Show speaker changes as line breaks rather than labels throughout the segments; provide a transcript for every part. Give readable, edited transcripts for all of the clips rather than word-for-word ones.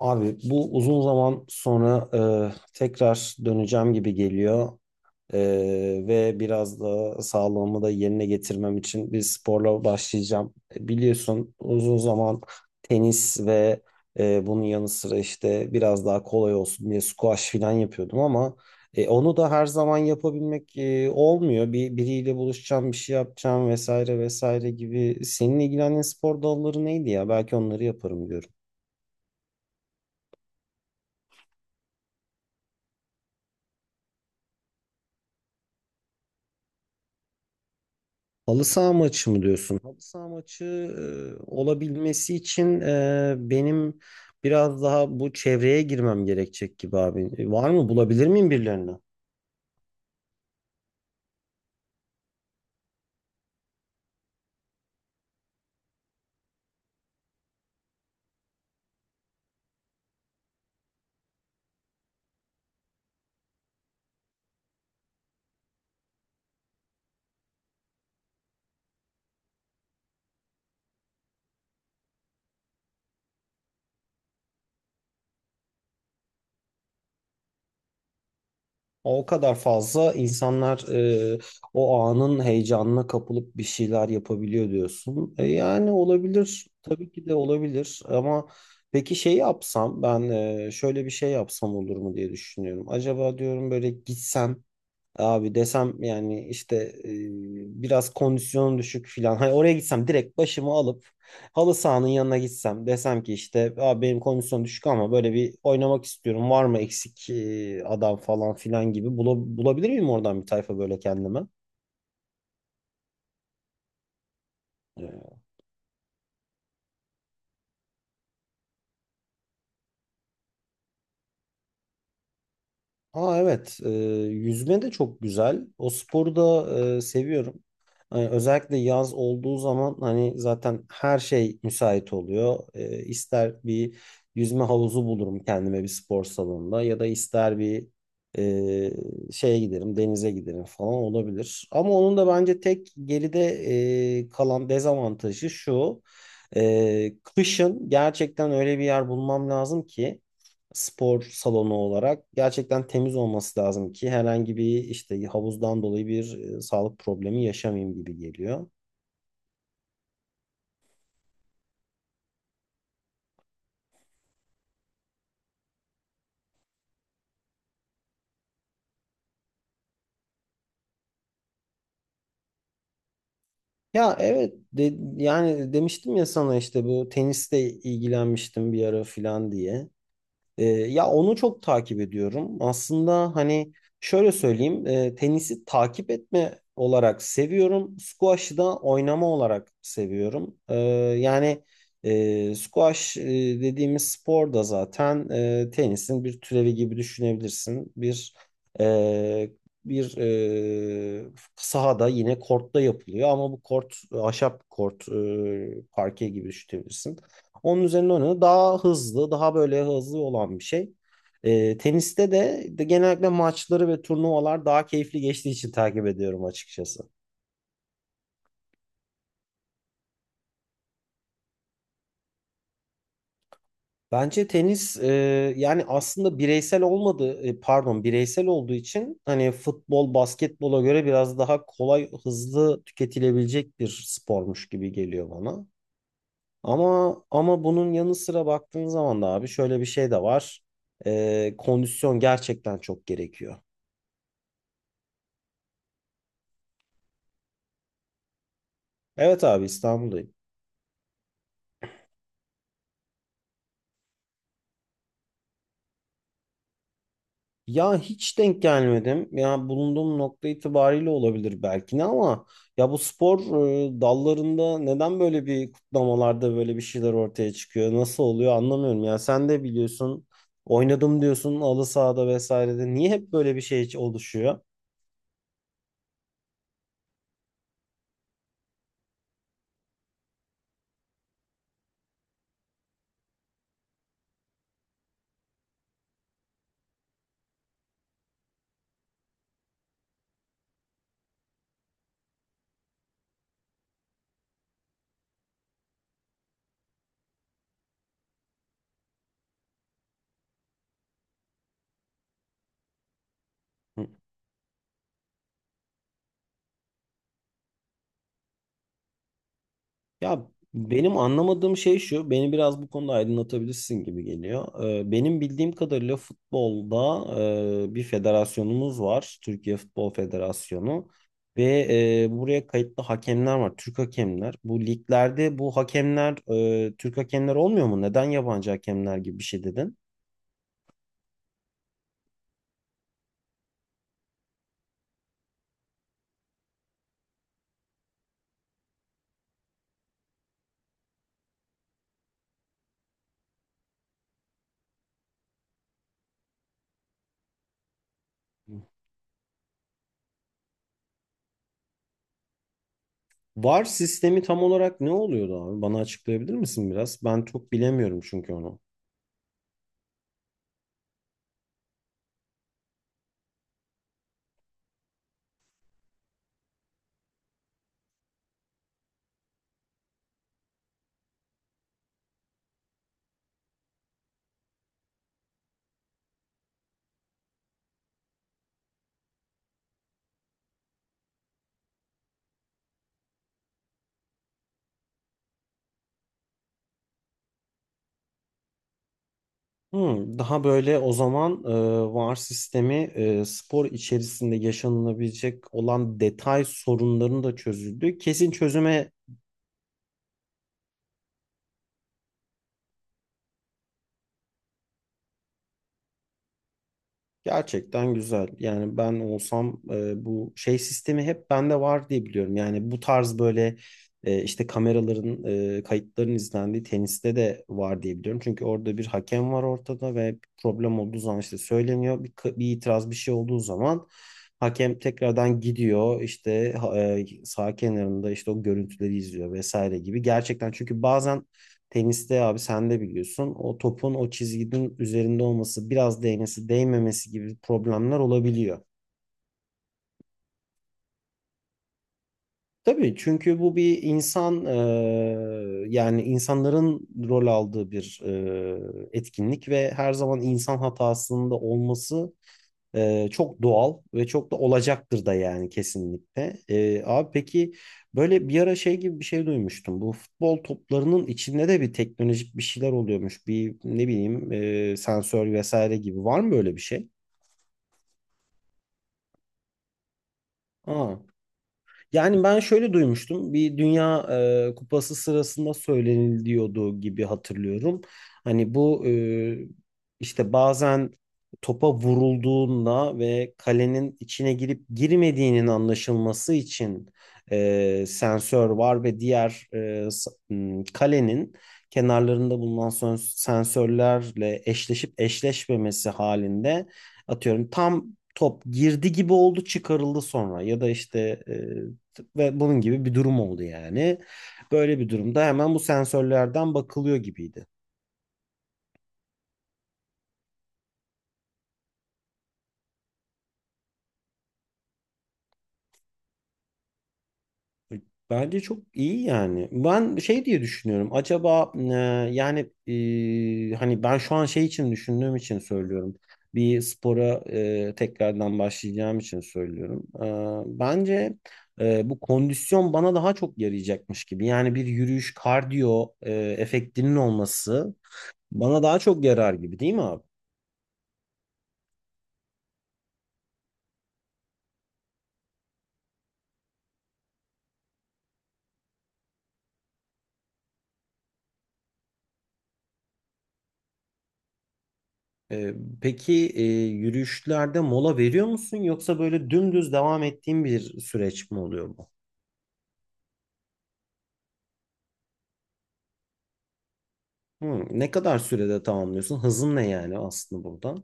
Abi bu uzun zaman sonra tekrar döneceğim gibi geliyor. E, Ve biraz da sağlığımı da yerine getirmem için bir sporla başlayacağım. Biliyorsun uzun zaman tenis ve bunun yanı sıra işte biraz daha kolay olsun diye squash falan yapıyordum ama onu da her zaman yapabilmek olmuyor. Bir biriyle buluşacağım, bir şey yapacağım vesaire vesaire gibi. Senin ilgilendiğin spor dalları neydi ya? Belki onları yaparım diyorum. Halı saha maçı mı diyorsun? Halı saha maçı olabilmesi için benim biraz daha bu çevreye girmem gerekecek gibi abi. E, var mı? Bulabilir miyim birilerini? O kadar fazla insanlar e, o anın heyecanına kapılıp bir şeyler yapabiliyor diyorsun. E, yani olabilir. Tabii ki de olabilir. Ama peki şey yapsam ben şöyle bir şey yapsam olur mu diye düşünüyorum. Acaba diyorum böyle gitsem, abi desem yani işte e, biraz kondisyonum düşük filan. Hani oraya gitsem direkt başımı alıp halı sahanın yanına gitsem desem ki işte abi benim kondisyon düşük ama böyle bir oynamak istiyorum. Var mı eksik adam falan filan gibi. Bulabilir miyim oradan bir tayfa böyle kendime? Ha evet, yüzme de çok güzel. O sporu da seviyorum. Hani özellikle yaz olduğu zaman hani zaten her şey müsait oluyor. E, ister bir yüzme havuzu bulurum kendime bir spor salonunda ya da ister bir şeye giderim, denize giderim falan olabilir. Ama onun da bence tek geride kalan dezavantajı şu. E, kışın gerçekten öyle bir yer bulmam lazım ki spor salonu olarak gerçekten temiz olması lazım ki herhangi bir işte havuzdan dolayı bir sağlık problemi yaşamayayım gibi geliyor. Ya evet yani demiştim ya sana işte bu teniste ilgilenmiştim bir ara filan diye. Ya onu çok takip ediyorum. Aslında hani şöyle söyleyeyim, tenisi takip etme olarak seviyorum. Squash'ı da oynama olarak seviyorum. Yani e, squash e, dediğimiz spor da zaten tenisin bir türevi gibi düşünebilirsin. E, bir e, sahada yine kortta yapılıyor ama bu kort ahşap kort parke gibi düşünebilirsin. Onun üzerine oynadı. Daha hızlı, daha böyle hızlı olan bir şey. Teniste de genellikle maçları ve turnuvalar daha keyifli geçtiği için takip ediyorum açıkçası. Bence tenis yani aslında pardon bireysel olduğu için hani futbol, basketbola göre biraz daha kolay, hızlı tüketilebilecek bir spormuş gibi geliyor bana. Ama bunun yanı sıra baktığın zaman da abi şöyle bir şey de var. Kondisyon gerçekten çok gerekiyor. Evet abi İstanbul'dayım. Ya hiç denk gelmedim. Ya bulunduğum nokta itibariyle olabilir belki ne ama ya bu spor dallarında neden böyle bir kutlamalarda böyle bir şeyler ortaya çıkıyor? Nasıl oluyor anlamıyorum. Ya sen de biliyorsun oynadım diyorsun halı sahada vesairede. Niye hep böyle bir şey oluşuyor? Ya benim anlamadığım şey şu, beni biraz bu konuda aydınlatabilirsin gibi geliyor. Benim bildiğim kadarıyla futbolda bir federasyonumuz var, Türkiye Futbol Federasyonu ve buraya kayıtlı hakemler var, Türk hakemler. Bu liglerde bu hakemler Türk hakemler olmuyor mu? Neden yabancı hakemler gibi bir şey dedin? VAR sistemi tam olarak ne oluyordu abi? Bana açıklayabilir misin biraz? Ben çok bilemiyorum çünkü onu. Hmm, daha böyle o zaman VAR sistemi spor içerisinde yaşanılabilecek olan detay sorunlarını da çözüldü. Kesin çözüme. Gerçekten güzel. Yani ben olsam bu şey sistemi hep bende var diye biliyorum. Yani bu tarz böyle işte kameraların, kayıtların izlendiği teniste de var diye biliyorum. Çünkü orada bir hakem var ortada ve bir problem olduğu zaman işte söyleniyor. Bir itiraz bir şey olduğu zaman hakem tekrardan gidiyor işte sağ kenarında işte o görüntüleri izliyor vesaire gibi. Gerçekten çünkü bazen teniste abi sen de biliyorsun o topun o çizginin üzerinde olması biraz değmesi değmemesi gibi problemler olabiliyor. Tabii çünkü bu bir insan yani insanların rol aldığı bir etkinlik ve her zaman insan hatasında olması. Çok doğal ve çok da olacaktır da yani kesinlikle. Abi peki böyle bir ara şey gibi bir şey duymuştum. Bu futbol toplarının içinde de bir teknolojik bir şeyler oluyormuş. Bir ne bileyim sensör vesaire gibi. Var mı böyle bir şey? Aa. Yani ben şöyle duymuştum. Bir Dünya Kupası sırasında söyleniliyordu gibi hatırlıyorum. Hani bu işte bazen topa vurulduğunda ve kalenin içine girip girmediğinin anlaşılması için sensör var ve diğer kalenin kenarlarında bulunan sensörlerle eşleşip eşleşmemesi halinde, atıyorum, tam top girdi gibi oldu çıkarıldı sonra ya da işte ve bunun gibi bir durum oldu yani. Böyle bir durumda hemen bu sensörlerden bakılıyor gibiydi. Bence çok iyi yani. Ben şey diye düşünüyorum. Acaba yani hani ben şu an şey için düşündüğüm için söylüyorum. Bir spora tekrardan başlayacağım için söylüyorum. E, bence bu kondisyon bana daha çok yarayacakmış gibi. Yani bir yürüyüş kardiyo efektinin olması bana daha çok yarar gibi değil mi abi? Ee, peki yürüyüşlerde mola veriyor musun yoksa böyle dümdüz devam ettiğin bir süreç mi oluyor bu? Hmm, ne kadar sürede tamamlıyorsun? Hızın ne yani aslında burada?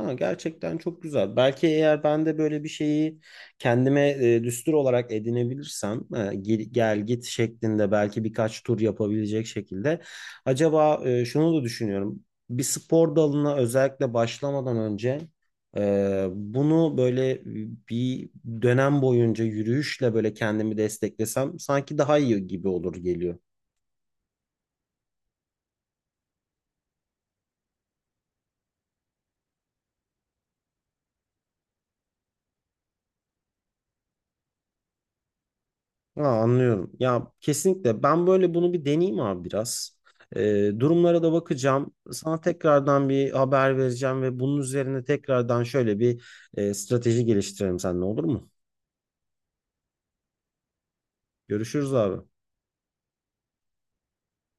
Ha, gerçekten çok güzel. Belki eğer ben de böyle bir şeyi kendime düstur olarak edinebilirsem gel, gel git şeklinde belki birkaç tur yapabilecek şekilde. Acaba şunu da düşünüyorum. Bir spor dalına özellikle başlamadan önce bunu böyle bir dönem boyunca yürüyüşle böyle kendimi desteklesem sanki daha iyi gibi olur geliyor. Ha, anlıyorum. Ya kesinlikle ben böyle bunu bir deneyeyim abi biraz. Durumlara da bakacağım. Sana tekrardan bir haber vereceğim ve bunun üzerine tekrardan şöyle bir strateji geliştirelim seninle olur mu? Görüşürüz abi.